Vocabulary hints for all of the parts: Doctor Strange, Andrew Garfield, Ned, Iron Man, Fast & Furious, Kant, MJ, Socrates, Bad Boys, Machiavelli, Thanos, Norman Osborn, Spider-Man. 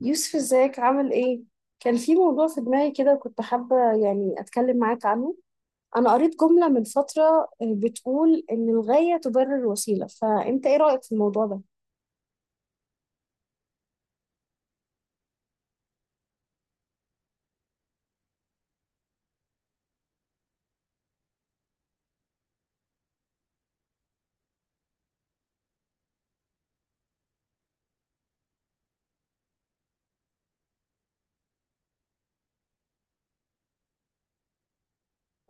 يوسف، ازيك عامل ايه؟ كان في موضوع في دماغي كده كنت حابة يعني اتكلم معاك عنه. انا قريت جملة من فترة، بتقول ان الغاية تبرر الوسيلة، فانت ايه رأيك في الموضوع ده؟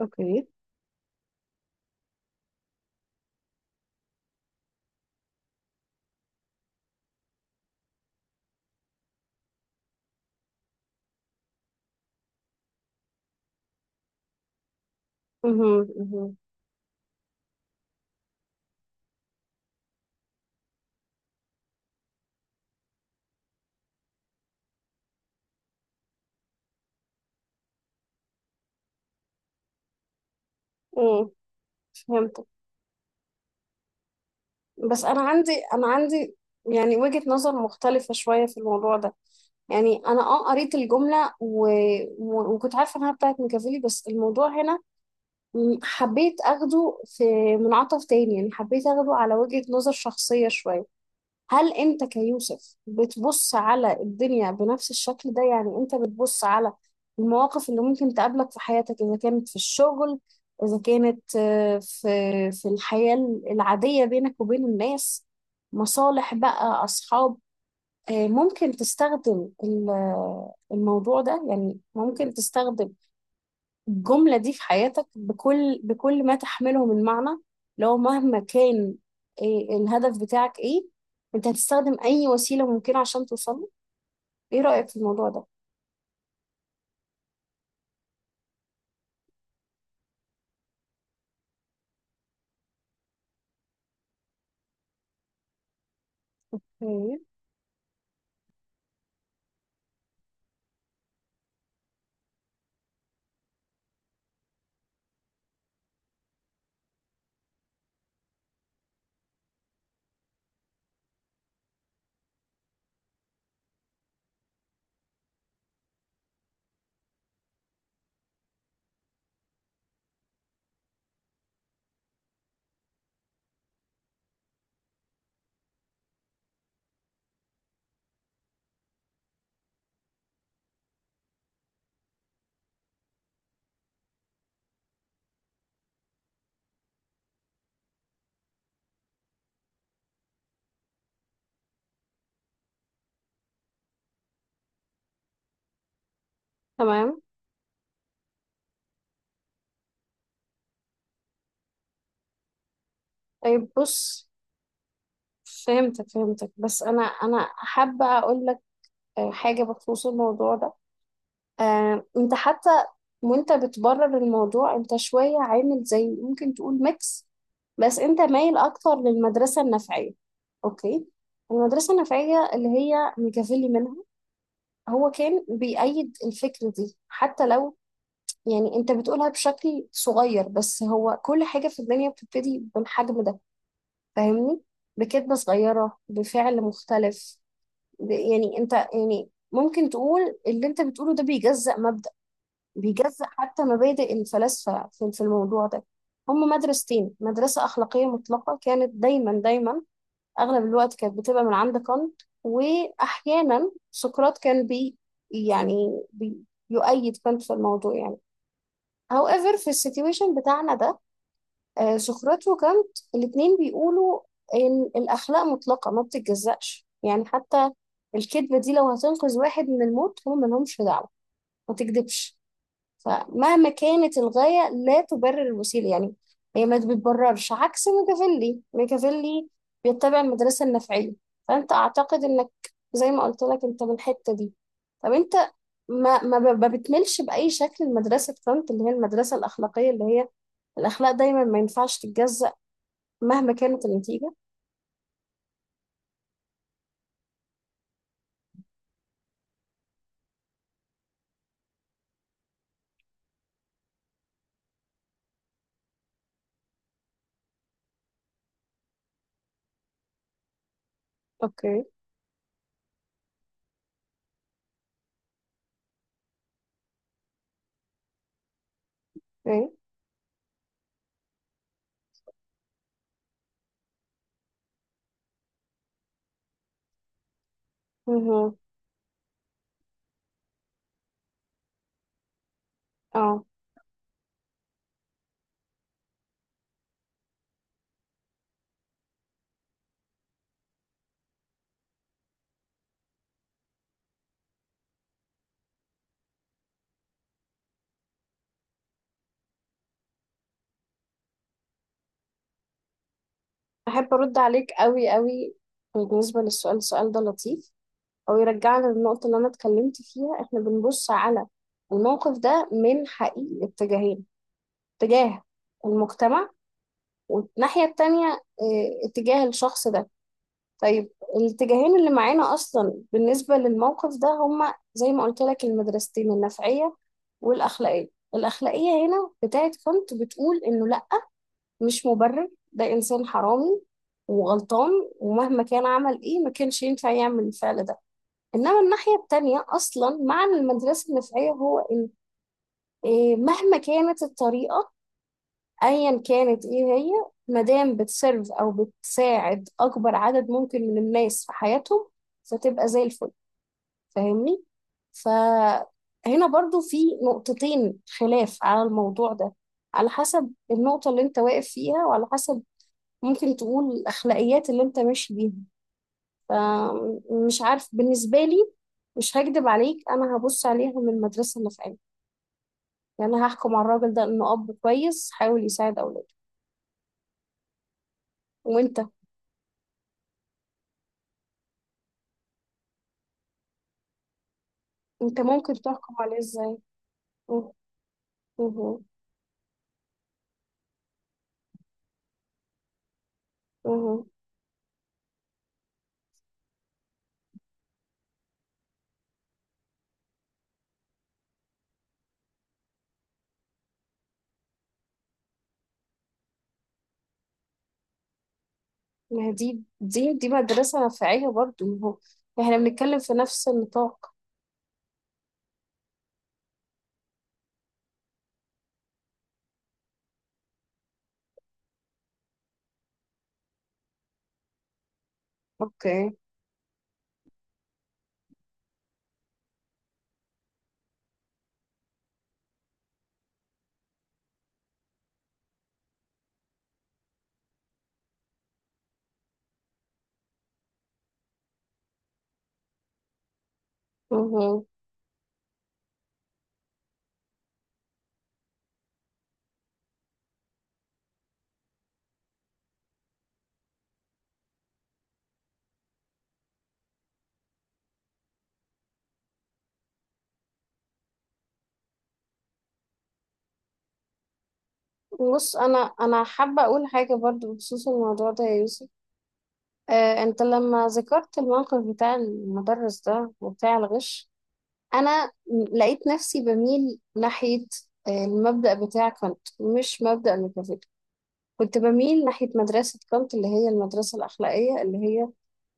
اوكي. مهم. مهم. مم. فهمت. بس انا عندي يعني وجهة نظر مختلفة شوية في الموضوع ده. يعني انا قريت الجملة وكنت عارفة انها بتاعت ميكافيلي، بس الموضوع هنا حبيت اخده في منعطف تاني. يعني حبيت اخده على وجهة نظر شخصية شوية. هل انت كيوسف بتبص على الدنيا بنفس الشكل ده؟ يعني انت بتبص على المواقف اللي ممكن تقابلك في حياتك، اذا كانت في الشغل، اذا كانت، في الحياة العادية بينك وبين الناس، مصالح بقى، اصحاب، ممكن تستخدم الموضوع ده. يعني ممكن تستخدم الجملة دي في حياتك بكل ما تحمله من معنى. لو مهما كان، إيه الهدف بتاعك، ايه انت هتستخدم اي وسيلة ممكنة عشان توصل له؟ ايه رأيك في الموضوع ده؟ إيه. تمام. طيب، بص. فهمتك فهمتك، بس انا حابة اقول لك حاجة بخصوص الموضوع ده. انت حتى وانت بتبرر الموضوع انت شوية عامل زي، ممكن تقول ميكس، بس انت مايل اكتر للمدرسة النفعية. اوكي. المدرسة النفعية اللي هي ميكافيلي منها، هو كان بيأيد الفكرة دي حتى لو يعني انت بتقولها بشكل صغير، بس هو كل حاجة في الدنيا بتبتدي بالحجم ده. فاهمني؟ بكلمة صغيرة، بفعل مختلف. يعني انت يعني ممكن تقول اللي انت بتقوله ده بيجزأ مبدأ، بيجزأ حتى مبادئ الفلاسفة في الموضوع ده. هم مدرستين: مدرسة أخلاقية مطلقة كانت، دايما دايما أغلب الوقت كانت بتبقى من عند كانت، وأحيانا سقراط كان بي يعني بي يؤيد كانت في الموضوع. يعني however في السيتويشن بتاعنا ده، سقراط وكانت الاتنين بيقولوا إن الأخلاق مطلقة ما بتتجزأش. يعني حتى الكذبة دي لو هتنقذ واحد من الموت، هم ملهمش دعوة، ما تكذبش. فمهما كانت، الغاية لا تبرر الوسيلة. يعني هي ما بتبررش، عكس ميكافيلي. ميكافيلي بيتبع المدرسة النفعية. فأنت أعتقد إنك زي ما قلت لك، أنت من الحتة دي. طب أنت ما بتملش بأي شكل المدرسة كانت، اللي هي المدرسة الأخلاقية، اللي هي الأخلاق دايما ما ينفعش تتجزأ مهما كانت النتيجة؟ أوكي. أوكي. مهم. أه، أحب أرد عليك أوي أوي بالنسبة للسؤال. السؤال ده لطيف، او يرجعنا للنقطة اللي انا اتكلمت فيها. احنا بنبص على الموقف ده من حقيقي اتجاهين: اتجاه المجتمع، والناحية التانية اه، اتجاه الشخص ده. طيب، الاتجاهين اللي معانا اصلا بالنسبة للموقف ده هما زي ما قلت لك: المدرستين النفعية والاخلاقية. الاخلاقية هنا بتاعت كانت، بتقول انه لا، مش مبرر، ده انسان حرامي وغلطان، ومهما كان عمل ايه ما كانش ينفع يعمل الفعل ده. انما الناحيه التانيه اصلا، معنى المدرسه النفعيه هو ان إيه، مهما كانت الطريقه، ايا كانت ايه هي، مادام بتسيرف او بتساعد اكبر عدد ممكن من الناس في حياتهم، فتبقى زي الفل. فاهمني؟ فهنا برضو في نقطتين خلاف على الموضوع ده، على حسب النقطه اللي انت واقف فيها، وعلى حسب ممكن تقول الاخلاقيات اللي انت ماشي بيها. فمش عارف، بالنسبة لي مش هكدب عليك، أنا هبص عليها من المدرسة اللي في قلبي. يعني أنا هحكم على الراجل ده إنه أب كويس حاول يساعد أولاده. وأنت، أنت ممكن تحكم عليه إزاي؟ مه- مه- مه. ما هي دي مدرسة نفعية برضو. ما هو إحنا بنتكلم في نفس النطاق. أوكي. مه. بص، أنا حابة أقول حاجة برضو بخصوص الموضوع ده يا يوسف. أنت لما ذكرت الموقف بتاع المدرس ده وبتاع الغش، انا لقيت نفسي بميل ناحية المبدأ بتاع كانت، مش مبدأ ميكافيلي. كنت بميل ناحية مدرسة كانت، اللي هي المدرسة الأخلاقية، اللي هي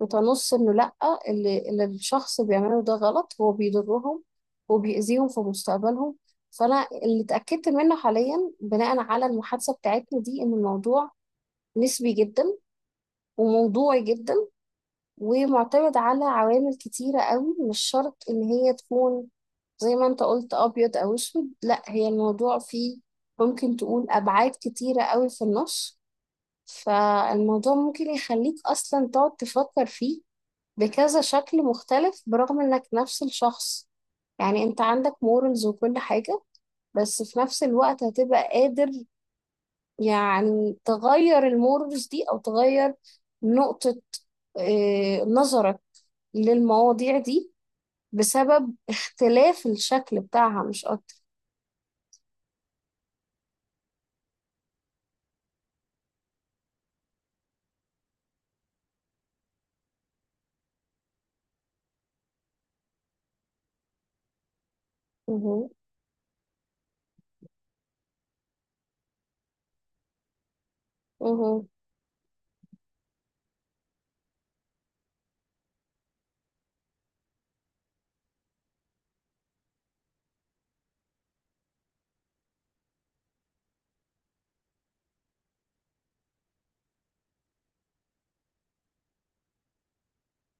بتنص إنه لأ، اللي الشخص بيعمله ده غلط، هو بيضرهم وبيأذيهم في مستقبلهم. فأنا اللي اتأكدت منه حاليا بناء على المحادثة بتاعتنا دي، إن الموضوع نسبي جدا وموضوعي جدا، ومعتمد على عوامل كتيرة قوي، مش شرط إن هي تكون زي ما أنت قلت أبيض أو أسود. لأ، هي الموضوع فيه ممكن تقول أبعاد كتيرة قوي في النص. فالموضوع ممكن يخليك أصلا تقعد تفكر فيه بكذا شكل مختلف، برغم إنك نفس الشخص. يعني أنت عندك مورالز وكل حاجة، بس في نفس الوقت هتبقى قادر يعني تغير المورز دي، أو تغير نقطة نظرك للمواضيع دي، بسبب اختلاف الشكل بتاعها، مش أكتر. مهو. مهو.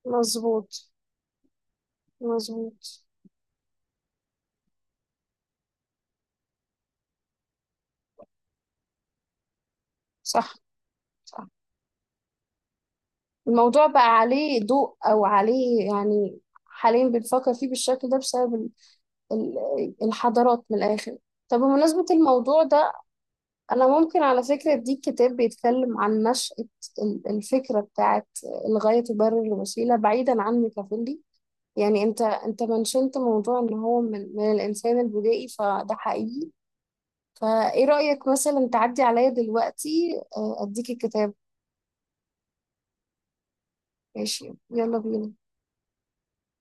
مظبوط. مظبوط. صح. صح. الموضوع بقى عليه ضوء، او عليه يعني حاليا بنفكر فيه بالشكل ده بسبب الحضارات، من الاخر. طب بمناسبة الموضوع ده، انا ممكن على فكرة اديك كتاب بيتكلم عن نشأة الفكرة بتاعت الغاية تبرر الوسيلة، بعيدا عن ميكافيلي. يعني انت منشنت موضوع ان هو من, الانسان البدائي، فده حقيقي. فايه رأيك مثلا تعدي عليا دلوقتي، اديك الكتاب؟ ماشي، يلا بينا.